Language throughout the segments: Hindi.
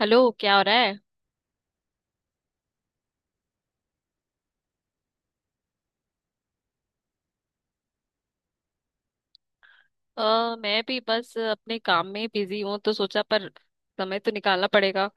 हेलो, क्या हो रहा है? मैं भी बस अपने काम में बिजी हूँ, तो सोचा पर समय तो निकालना पड़ेगा।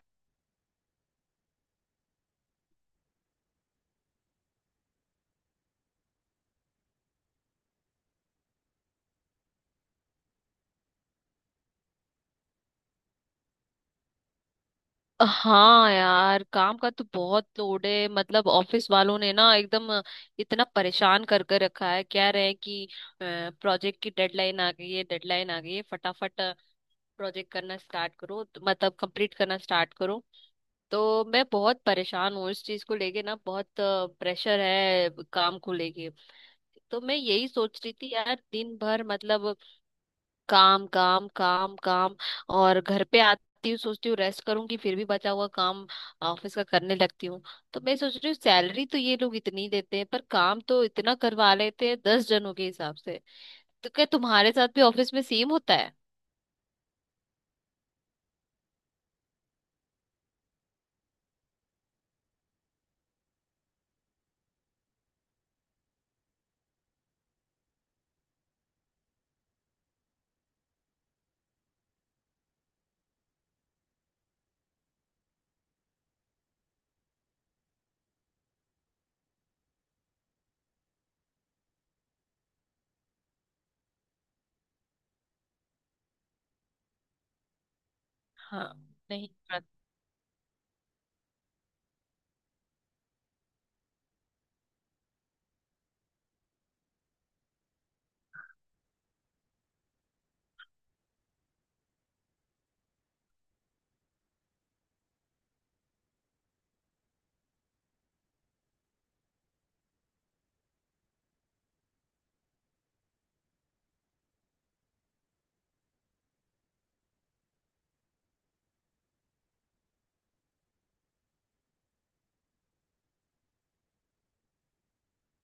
हाँ यार, काम का तो बहुत लोड है, मतलब ऑफिस वालों ने ना एकदम इतना परेशान कर कर रखा है। कह रहे हैं कि प्रोजेक्ट की डेडलाइन आ गई है, डेडलाइन आ गई है, फटाफट प्रोजेक्ट करना स्टार्ट करो, तो मतलब कंप्लीट करना स्टार्ट करो। तो मैं बहुत परेशान हूँ इस चीज को लेके ना, बहुत प्रेशर है काम को लेके। तो मैं यही सोच रही थी यार, दिन भर मतलब काम काम काम काम, और घर पे आती हूँ सोचती हूँ रेस्ट करूंगी, फिर भी बचा हुआ काम ऑफिस का करने लगती हूँ। तो मैं सोच रही हूँ, सैलरी तो ये लोग इतनी देते हैं, पर काम तो इतना करवा लेते हैं 10 जनों के हिसाब से। तो क्या तुम्हारे साथ भी ऑफिस में सेम होता है? हाँ। नहीं।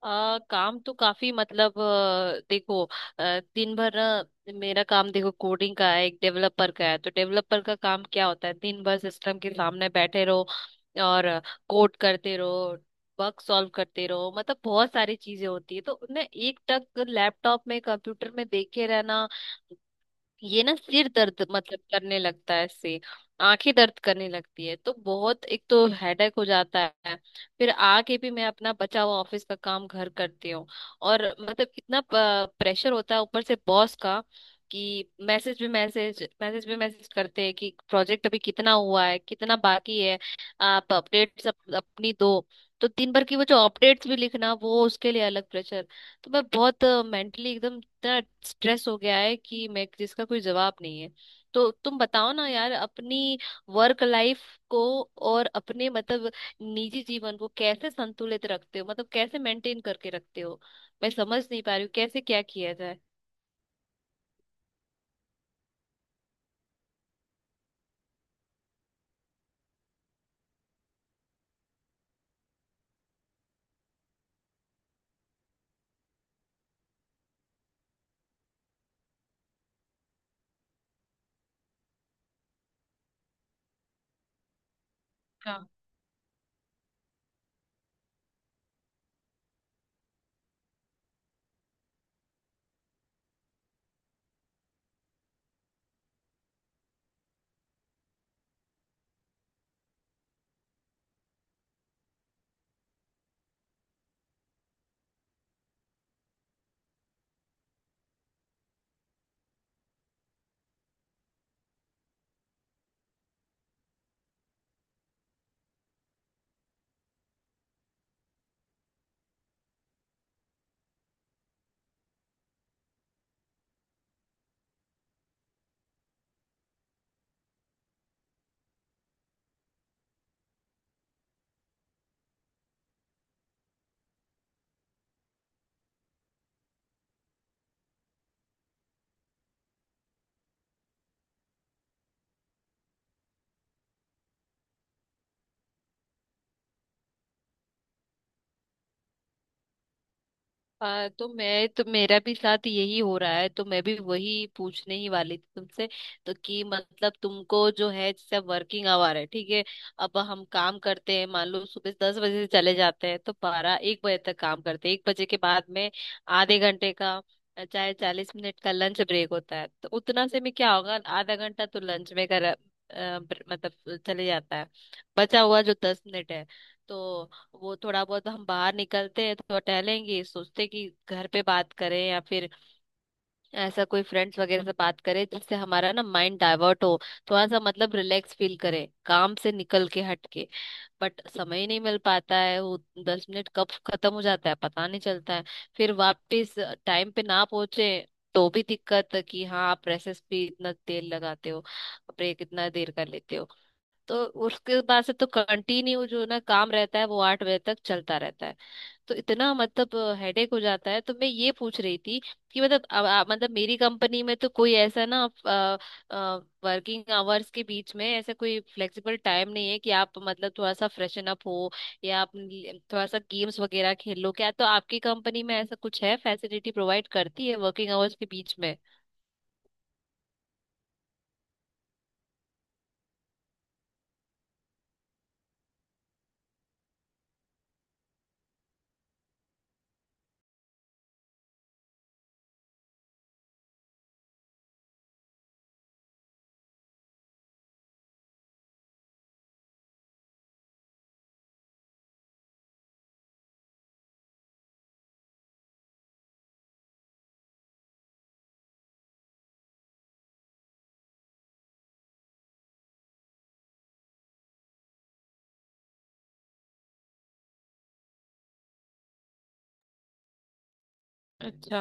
काम तो काफी मतलब देखो। अ, दिन भर ना, मेरा काम देखो कोडिंग का है, एक डेवलपर का है। तो डेवलपर का काम क्या होता है? दिन भर सिस्टम के सामने बैठे रहो और कोड करते रहो, बग सॉल्व करते रहो, मतलब बहुत सारी चीजें होती है। तो ना एक टक लैपटॉप में कंप्यूटर में देखे रहना, ये ना सिर दर्द मतलब करने लगता है इससे, आंखें दर्द करने लगती है। तो बहुत एक तो हेडेक हो जाता है। फिर आके भी मैं अपना बचा हुआ ऑफिस का काम घर करती हूँ, और मतलब इतना प्रेशर होता है ऊपर से बॉस का, कि मैसेज भी मैसेज करते हैं कि प्रोजेक्ट अभी कितना हुआ है, कितना बाकी है, आप अपडेट्स अपनी दो। तो दिन भर की वो जो अपडेट्स भी लिखना, वो उसके लिए अलग प्रेशर। तो मैं बहुत मेंटली एकदम इतना स्ट्रेस हो गया है कि मैं, जिसका कोई जवाब नहीं है। तो तुम बताओ ना यार, अपनी वर्क लाइफ को और अपने मतलब निजी जीवन को कैसे संतुलित रखते हो, मतलब कैसे मेंटेन करके रखते हो? मैं समझ नहीं पा रही हूँ कैसे क्या किया जाए। हाँ तो मैं, तो मेरा भी साथ यही हो रहा है, तो मैं भी वही पूछने ही वाली थी तुमसे। तो कि मतलब तुमको जो है, जैसे वर्किंग आवर है ठीक है, अब हम काम करते हैं मान लो सुबह 10 बजे से चले जाते हैं, तो 12 1 बजे तक काम करते हैं। 1 बजे के बाद में आधे घंटे का, चाहे 40 मिनट का लंच ब्रेक होता है। तो उतना से में क्या होगा, आधा घंटा तो लंच में कर मतलब चले जाता है। बचा हुआ जो 10 मिनट है, तो वो थोड़ा बहुत हम बाहर निकलते हैं तो टहलेंगे, सोचते कि घर पे बात करें या फिर ऐसा कोई फ्रेंड्स वगैरह से बात करें, जिससे हमारा ना माइंड डाइवर्ट हो, थोड़ा सा मतलब रिलैक्स फील करें काम से निकल के हट के। बट समय ही नहीं मिल पाता है। वो 10 मिनट कब खत्म हो जाता है पता नहीं चलता है। फिर वापस टाइम पे ना पहुंचे तो भी दिक्कत है कि हाँ आप प्रेसेस पे इतना तेल लगाते हो, ब्रेक इतना देर कर लेते हो। तो उसके बाद से तो कंटिन्यू जो ना काम रहता है, वो 8 बजे तक चलता रहता है। तो इतना मतलब हेडेक हो जाता है। तो मैं ये पूछ रही थी कि मतलब अब मतलब मेरी कंपनी में तो कोई ऐसा ना वर्किंग आवर्स के बीच में ऐसा कोई फ्लेक्सिबल टाइम नहीं है कि आप मतलब थोड़ा सा फ्रेशन अप हो या आप थोड़ा सा गेम्स वगैरह खेल लो, क्या तो आपकी कंपनी में ऐसा कुछ है, फैसिलिटी प्रोवाइड करती है वर्किंग आवर्स के बीच में? अच्छा।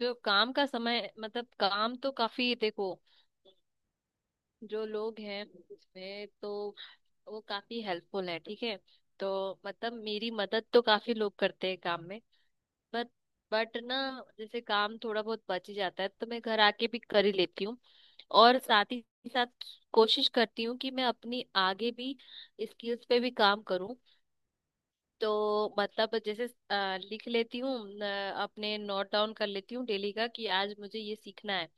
तो काम का समय, मतलब काम तो काफी देखो जो लोग हैं उसमें, तो वो काफी हेल्पफुल है ठीक है। तो मतलब मेरी मदद तो काफी लोग करते हैं काम में। बट बट ना, जैसे काम थोड़ा बहुत बच ही जाता है, तो मैं घर आके भी कर ही लेती हूँ। और साथ ही साथ कोशिश करती हूँ कि मैं अपनी आगे भी स्किल्स पे भी काम करूँ। तो मतलब जैसे लिख लेती हूँ, अपने नोट डाउन कर लेती हूँ डेली का, कि आज मुझे ये सीखना है।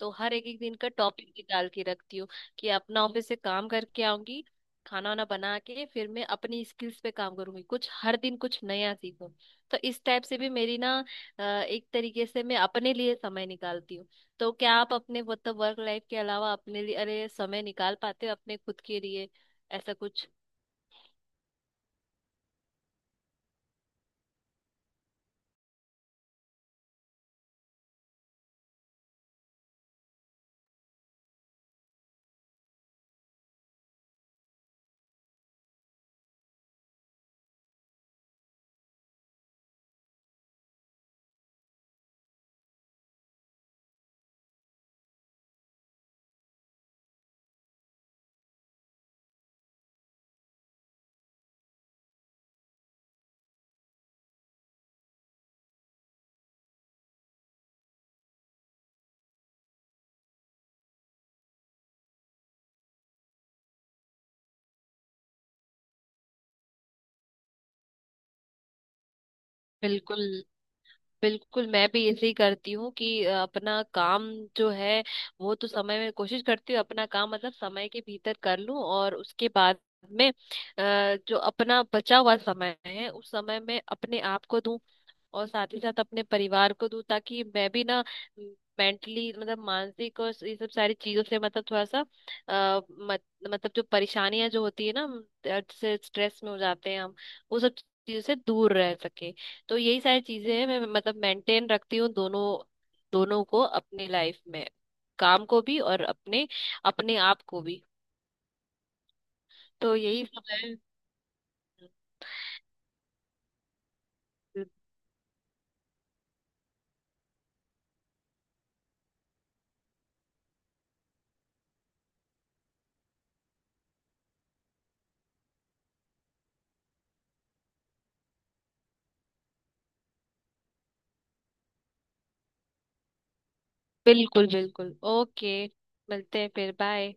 तो हर एक एक दिन का टॉपिक निकाल के रखती हूँ कि अपना ऑफिस से काम करके आऊंगी, खाना वाना बना के फिर मैं अपनी स्किल्स पे काम करूंगी, कुछ हर दिन कुछ नया सीखूं। तो इस टाइप से भी मेरी ना एक तरीके से मैं अपने लिए समय निकालती हूँ। तो क्या आप अपने मतलब वर्क लाइफ के अलावा अपने लिए अरे समय निकाल पाते हो अपने खुद के लिए, ऐसा कुछ? बिल्कुल बिल्कुल, मैं भी ऐसे ही करती हूँ कि अपना काम जो है, वो तो समय में कोशिश करती हूँ अपना काम मतलब समय के भीतर कर लूँ। और उसके बाद में जो अपना बचा हुआ समय है, उस समय में अपने आप को दूं और साथ ही साथ अपने परिवार को दूं, ताकि मैं भी ना मेंटली मतलब मानसिक और ये सब सारी चीजों से मतलब थोड़ा सा मत, मतलब जो परेशानियां जो होती है ना जैसे स्ट्रेस में हो जाते हैं हम, वो सब चीजों से दूर रह सके। तो यही सारी चीजें हैं, मैं मतलब मेंटेन रखती हूँ दोनों, दोनों को अपनी लाइफ में, काम को भी और अपने अपने आप को भी। तो यही सब है। बिल्कुल बिल्कुल ओके। मिलते हैं फिर, बाय।